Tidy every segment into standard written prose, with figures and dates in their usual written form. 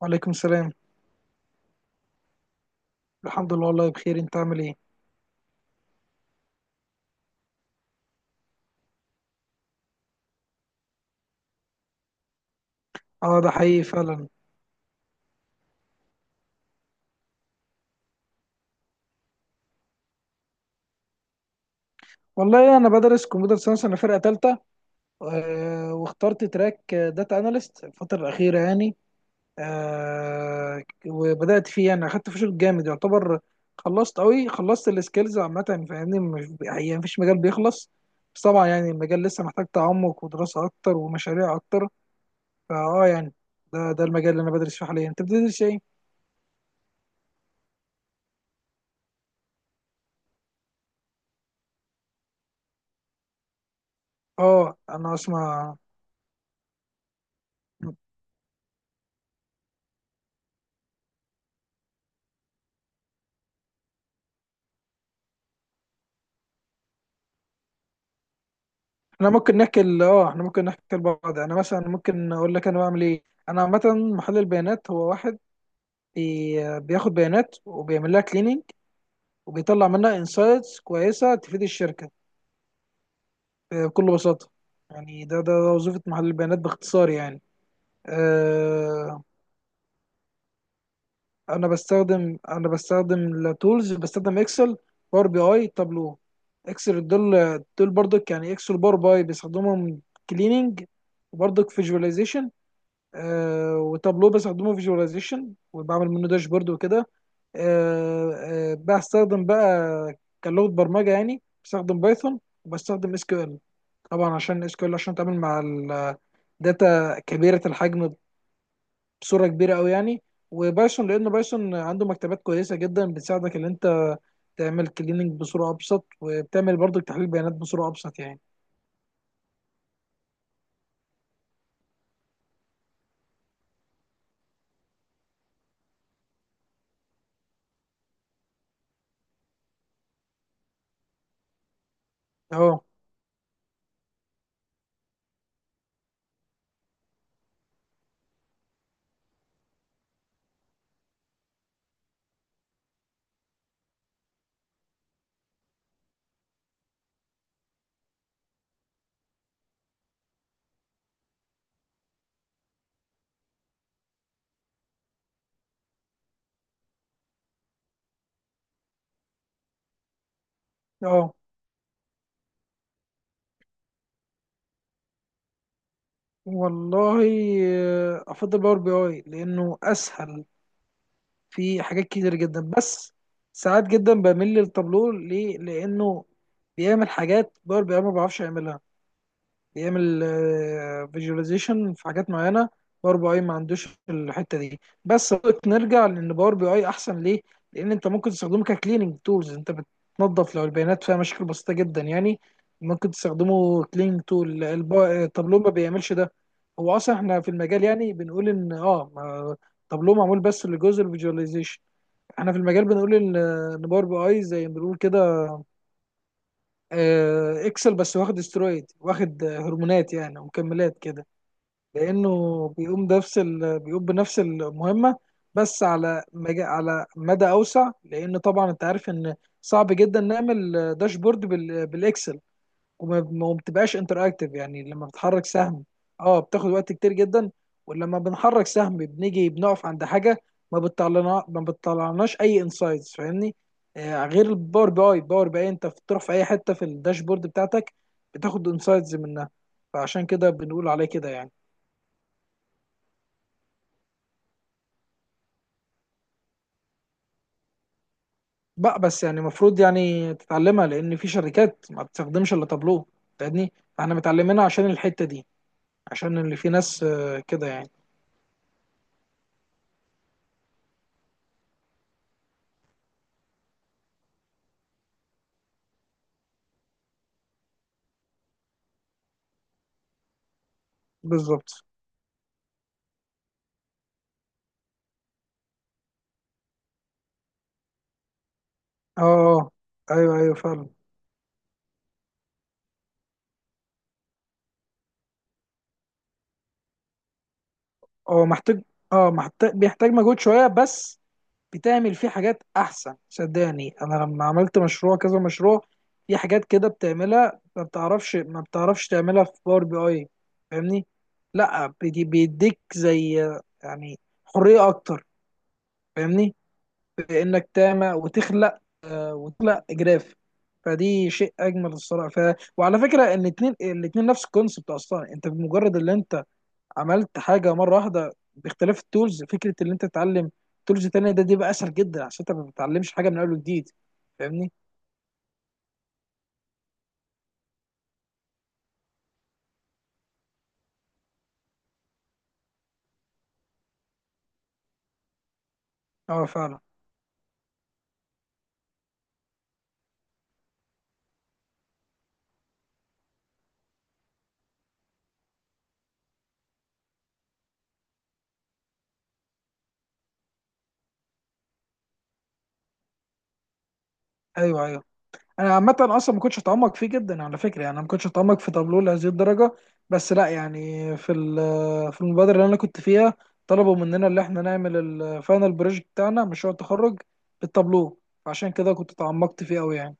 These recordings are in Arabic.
وعليكم السلام. الحمد لله والله بخير، انت عامل ايه؟ اه ده حقيقي فعلا. والله انا بدرس كمبيوتر ساينس، انا فرقه ثالثه، واخترت تراك داتا اناليست الفتره الاخيره يعني. وبدات فيه يعني، اخدت فيه شغل جامد يعتبر، خلصت قوي، خلصت السكيلز عامه يعني، فاهمني، يعني مفيش مجال بيخلص، بس طبعا يعني المجال لسه محتاج تعمق ودراسه اكتر ومشاريع اكتر. يعني ده المجال اللي انا بدرس فيه حاليا. انت بتدرس ايه؟ اه، انا اسمع. احنا ممكن نحكي ال- اه احنا ممكن نحكي لبعض، يعني مثلا ممكن اقول لك انا بعمل ايه. انا عامه محلل بيانات، هو واحد بياخد بيانات وبيعمل لها كليننج، وبيطلع منها انسايتس كويسه تفيد الشركه، بكل بساطه. يعني ده وظيفه محلل البيانات باختصار يعني. آه، انا بستخدم التولز، بستخدم اكسل، باور بي اي، تابلو. اكسل دول برضك، يعني اكسل باور بي اي بيستخدمهم كليننج وبرضك فيجواليزيشن. وتابلو بستخدمه فيجواليزيشن وبعمل منه داشبورد وكده. آه بستخدم بقى كلغة برمجة يعني بستخدم بايثون، وبستخدم اس كيو ال. طبعا عشان اس كيو ال عشان اتعامل مع الداتا كبيرة الحجم بصورة كبيرة قوي يعني، وبايثون لان بايثون عنده مكتبات كويسة جدا بتساعدك ان انت تعمل كليننج بصورة ابسط، وبتعمل برضو تحليل بيانات بصورة ابسط يعني. اه اه. والله افضل باور بي اي لانه اسهل في حاجات كتير جدا، بس ساعات جدا بميل للتابلو ليه؟ لانه بيعمل حاجات باور بي اي ما بعرفش يعملها، بيعمل فيجواليزيشن في حاجات معينه باور بي اي ما عندوش الحته دي. بس نرجع لان باور بي اي احسن ليه، لان انت ممكن تستخدمه ككليننج تولز، انت بتنظف لو البيانات فيها مشاكل بسيطه جدا يعني، ممكن تستخدمه كليننج تول، التابلو ما بيعملش ده. هو اصلا احنا في المجال يعني بنقول ان تابلو معمول بس لجزء الفيجواليزيشن. احنا في المجال بنقول ان باور بي اي زي ما بنقول كده، اكسل بس واخد استرويد واخد هرمونات يعني ومكملات كده. لانه بيقوم بنفس المهمه، بس على مدى اوسع، لان طبعا انت عارف ان صعب جدا نعمل داشبورد بالاكسل، وما وما بتبقاش انتراكتيف، يعني لما بتحرك سهم، اه بتاخد وقت كتير جدا. ولما بنحرك سهم بنيجي بنقف عند حاجه، ما بتطلعناش اي انسايتس، فاهمني. آه غير الباور بي اي انت بتروح في اي حته في الداشبورد بتاعتك، بتاخد انسايتس منها. فعشان كده بنقول عليه كده يعني. بقى بس يعني المفروض يعني تتعلمها، لان في شركات ما بتستخدمش الا تابلو، فاهمني. احنا متعلمينها عشان الحته دي، عشان اللي في ناس كده يعني. بالظبط. اه، ايوه ايوه فعلا. اه محتاج، اه محتاج، بيحتاج مجهود شويه، بس بتعمل فيه حاجات احسن. صدقني انا لما عملت مشروع كذا مشروع، في حاجات كده بتعملها ما بتعرفش تعملها في باور بي اي، فاهمني. لا بيديك زي يعني حريه اكتر، فاهمني، بانك تعمل وتخلق جراف، فدي شيء اجمل الصراحه. وعلى فكره ان الاتنين نفس الكونسبت اصلا. انت بمجرد اللي انت عملت حاجه مره واحده باختلاف التولز، فكره ان انت تتعلم تولز تانية دي بقى اسهل جدا، عشان انت ما بتتعلمش حاجه من اول وجديد، فاهمني. اه فعلا. ايوه ايوه. انا عامه اصلا ما كنتش اتعمق فيه جدا على فكره، يعني انا ما كنتش اتعمق في تابلو لهذه الدرجه، بس لا يعني في في المبادره اللي انا كنت فيها طلبوا مننا اللي احنا نعمل الفاينل بروجكت بتاعنا مشروع التخرج بالتابلو، فعشان كده كنت اتعمقت فيه قوي يعني.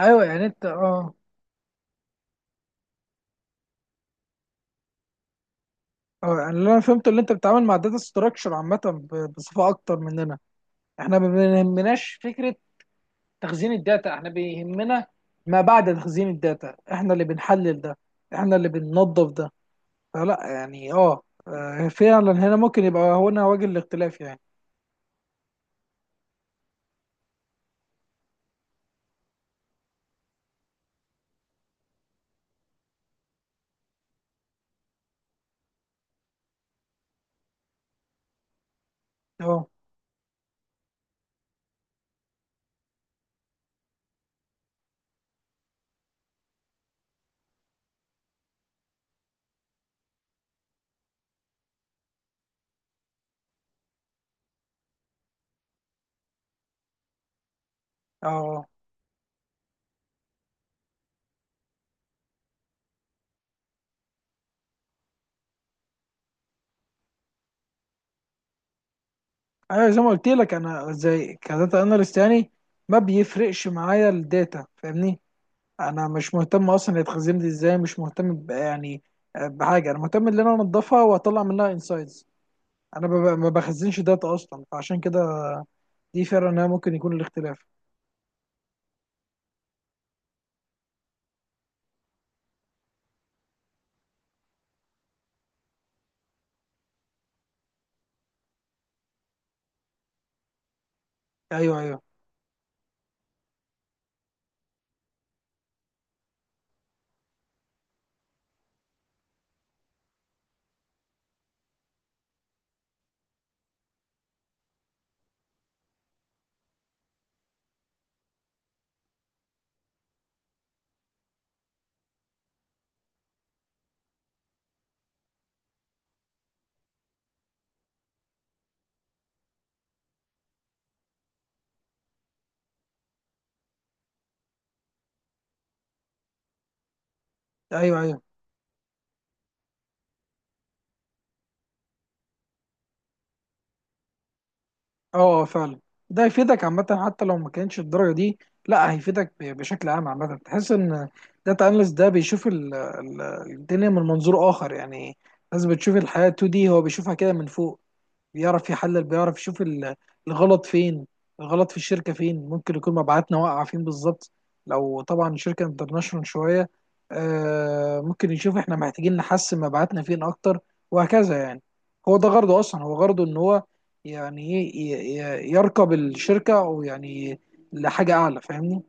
ايوه يعني انت اه اه، يعني اللي انا فهمته اللي انت بتتعامل مع داتا ستراكشر عامه بصفه اكتر مننا. احنا ما بيهمناش فكره تخزين الداتا، احنا بيهمنا ما بعد تخزين الداتا، احنا اللي بنحلل ده، احنا اللي بننظف ده. فلا يعني اه، فعلا هنا ممكن يبقى هنا وجه الاختلاف يعني. اه اه. انا زي ما قلت لك انا زي كداتا اناليست يعني ما بيفرقش معايا الداتا، فاهمني. انا مش مهتم اصلا هي اتخزنت ازاي، مش مهتم يعني بحاجه، انا مهتم ان انا انضفها واطلع منها انسايتس. انا ما بخزنش داتا اصلا، فعشان كده دي فعلا انها ممكن يكون الاختلاف. ايوه ايوه. ايوه ايوه. اه، فعلا. ده هيفيدك عامة حتى لو ما كانش الدرجة دي، لا هيفيدك بشكل عام. عامة تحس ان داتا اناليست ده بيشوف الدنيا من منظور اخر يعني، الناس بتشوف الحياة 2D هو بيشوفها كده من فوق. بيعرف يحلل، بيعرف يشوف الغلط فين، الغلط في الشركة فين، ممكن يكون مبيعاتنا واقعة فين بالظبط. لو طبعا شركة انترناشونال شوية، ممكن يشوف احنا محتاجين نحسن مبيعاتنا فين اكتر، وهكذا يعني. هو ده غرضه اصلا، هو غرضه ان هو يعني ايه يركب الشركة او يعني لحاجة اعلى، فاهمني.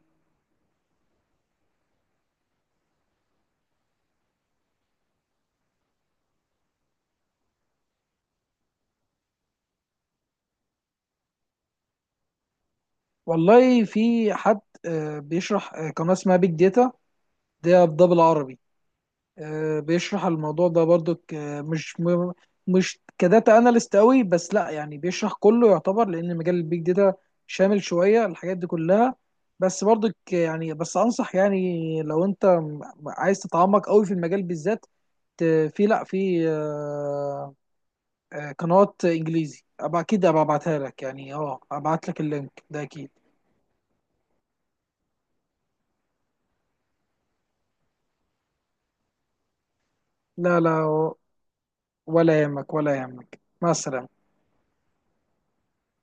والله في حد بيشرح، قناة اسمها بيج داتا، ده بالعربي، بيشرح الموضوع ده برضو مش م- مش كداتا اناليست قوي بس، لا يعني بيشرح كله يعتبر، لان مجال البيج داتا شامل شويه الحاجات دي كلها. بس برضو يعني بس انصح يعني، لو انت عايز تتعمق قوي في المجال بالذات، ت- في لا في آه، آه، قنوات انجليزي أبقى اكيد ابقى ابعتها لك يعني، اه ابعت لك اللينك ده اكيد. لا لا، ولا يهمك، ولا يهمك، مع السلامه.